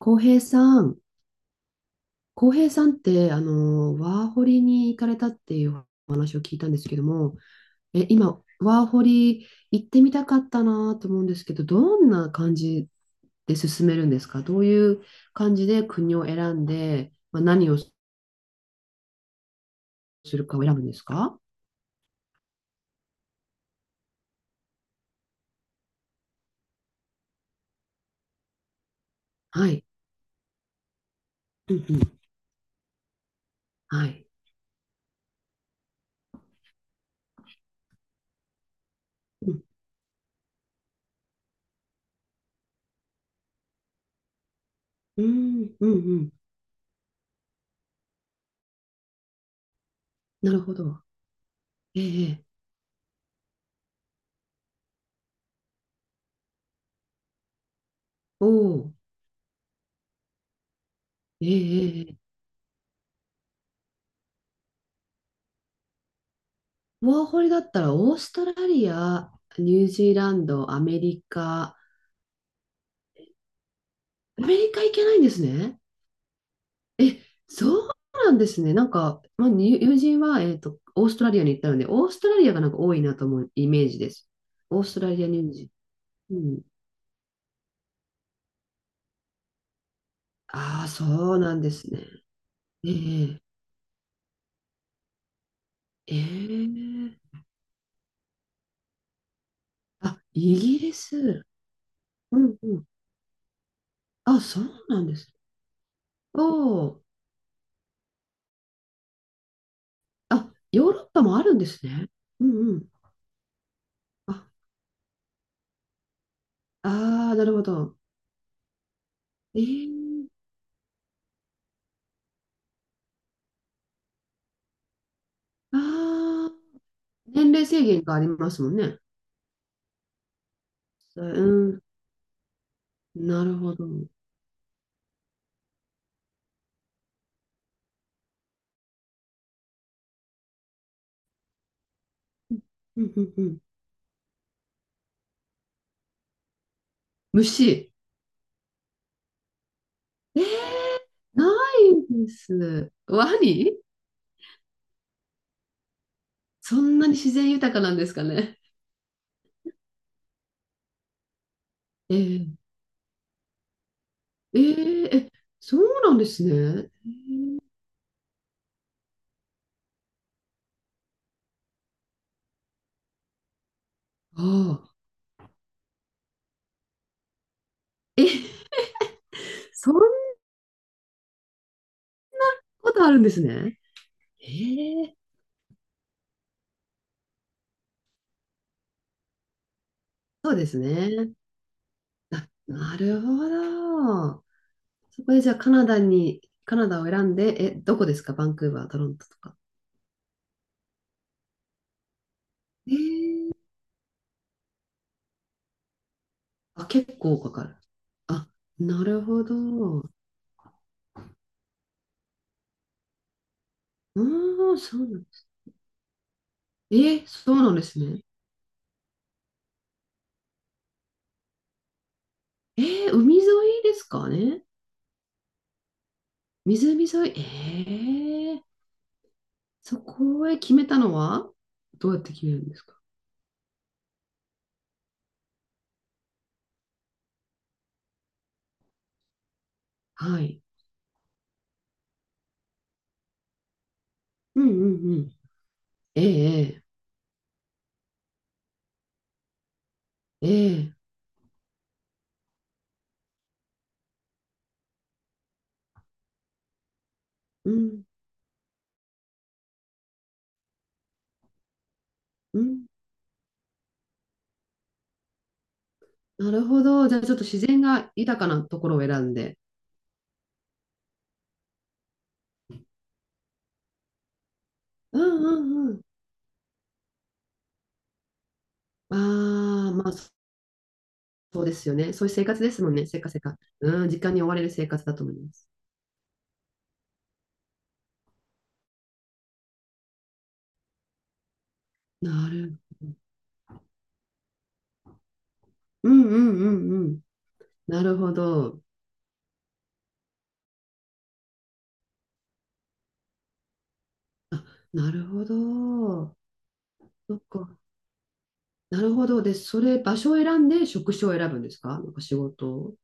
浩平さん、浩平さんって、ワーホリに行かれたっていうお話を聞いたんですけども、今、ワーホリ行ってみたかったなと思うんですけど、どんな感じで進めるんですか？どういう感じで国を選んで、まあ、何をするかを選ぶんですか？はい。うんうん。はい。うん。うん。うんうん。なるほど。ええ。ええ。おお。ええ。ええええ。ワーホリだったら、オーストラリア、ニュージーランド、アメリカ、アメリカ行けないんですね。え、そうなんですね。なんか、まあ、に友人は、オーストラリアに行ったので、オーストラリアがなんか多いなと思うイメージです。オーストラリア人参。うん。ああ、そうなんですね。ええええ。あ、イギリス。うんうん。あ、そうなんです。おお。あ、ヨーロッパもあるんですね。うんうん。あ、ああ、なるほど。ええ。ああ、年齢制限がありますもんね。うん。なるほど。うんうんうん。虫。えー、ないんです。ワニ。そんなに自然豊かなんですかね。えー、えー、え、そうなんですね。ああ。え、そんなことあるんですね。えー、そうですね。あ、なるほど。そこでじゃあカナダを選んで、どこですか？バンクーバー、トロントとか。えー、あ、結構かかる。あ、なるほど。うーん、そうなんえー、そうなんですね。え海沿いですかね？湖沿い。えー、そこへ決めたのは、どうやって決めるんですか？はい。うんうんうん。ええええええ。うんうん。なるほど。じゃあちょっと自然が豊かなところを選んで。うんうんうん。ああ、まあ、そうですよね。そういう生活ですもんね。せっかせっか。うん、時間に追われる生活だと思います。なる。うんうんうんうん。なるほど。あ、なるほど。そっか。なるほど。で、それ、場所を選んで職種を選ぶんですか？なんか仕事を。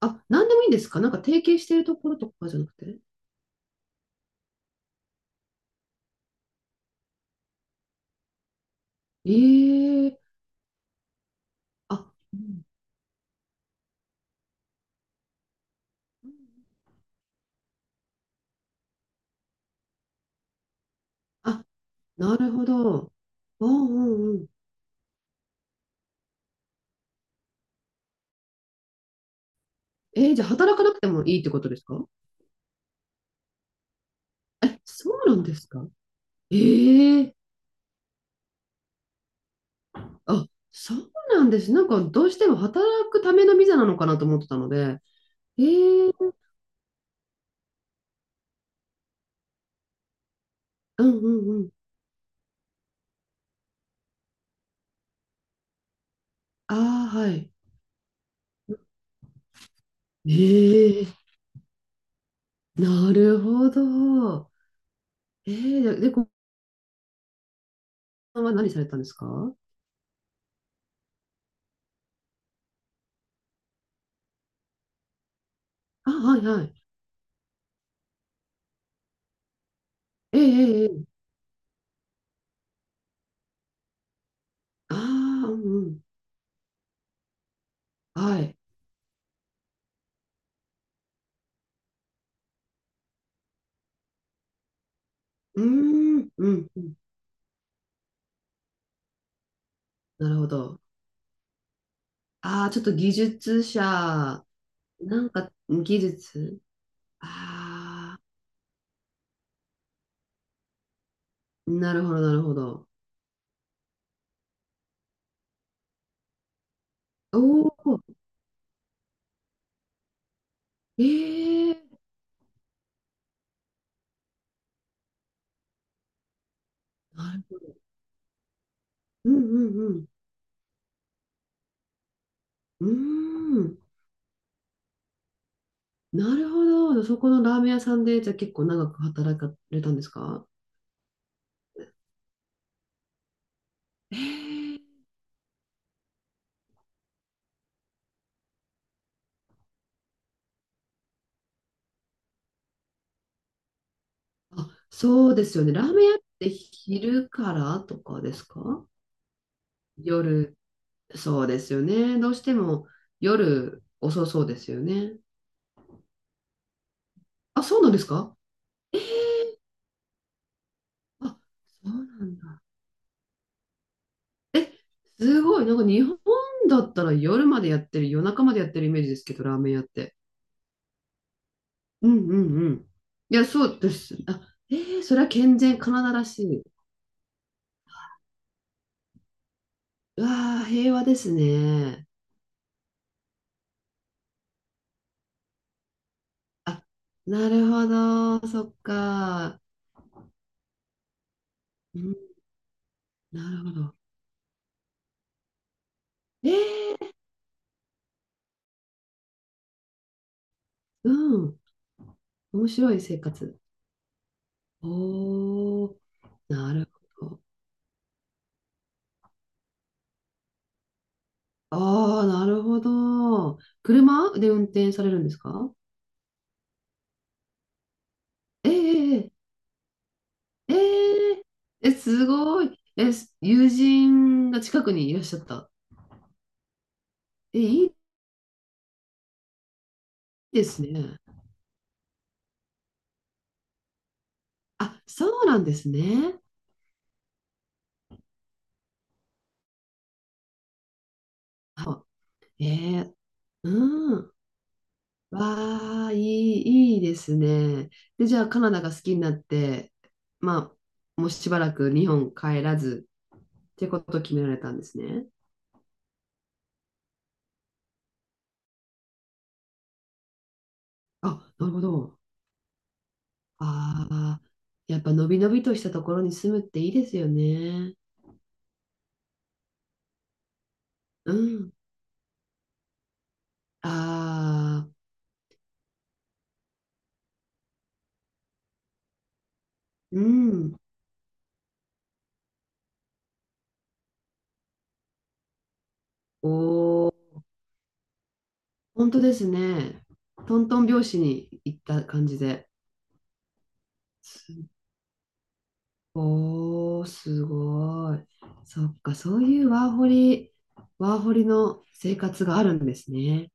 あ、なんでもいいんですか？なんか提携しているところとかじゃなくて。ええ。あ、うん。あ、なるほど。うんうんうん。じゃあ働かなくてもいいってことですか？え、そうなんですか？ええ。あ、そうなんです。なんかどうしても働くためのビザなのかなと思ってたので。ええ。うんうんうん。ああ、はい。ええ。なるほど。ええ。で後半は何されたんですか？あ、はいはい。ええええええ。ああ、うんうん。はい。うーん、うん、うん。なるほど。ああ、ちょっと技術者。なんか技術。ああ、なるほど、なるほど。おお。ええ。なるほど。うんうんうん。うーん、なるほど。そこのラーメン屋さんで、じゃあ結構長く働かれたんですか？ええ。あ、そうですよね。ラーメン屋って昼からとかですか？夜、そうですよね。どうしても夜遅そうですよね。あ、そうなんですか？あ、そうなんだ。え、すごい。なんか日本だったら夜までやってる、夜中までやってるイメージですけど、ラーメン屋って。うんうんうん。いや、そうです。あ、それは健全カナダらしい。うわあ、平和ですね。あ、なるほど。そっか。うん、なるほど。ええ。うん。面白い生活。おー、なるほど。ああ、なるほど。車で運転されるんですか？えええええええ、すごい。え、友人が近くにいらっしゃった。え、いいですね。あ、そうなんですね。あ、ええ。うん。わあ、いい、いいですね。で、じゃあ、カナダが好きになって、まあ、もうしばらく日本帰らず、っていうことを決められたんですね。あ、なるほど。ああ、やっぱのびのびとしたところに住むっていいですよね。うん。ああ、うん。おお、本当ですね。トントン拍子に行った感じで。すおー、すごい。そっか、そういうワーホリの生活があるんですね。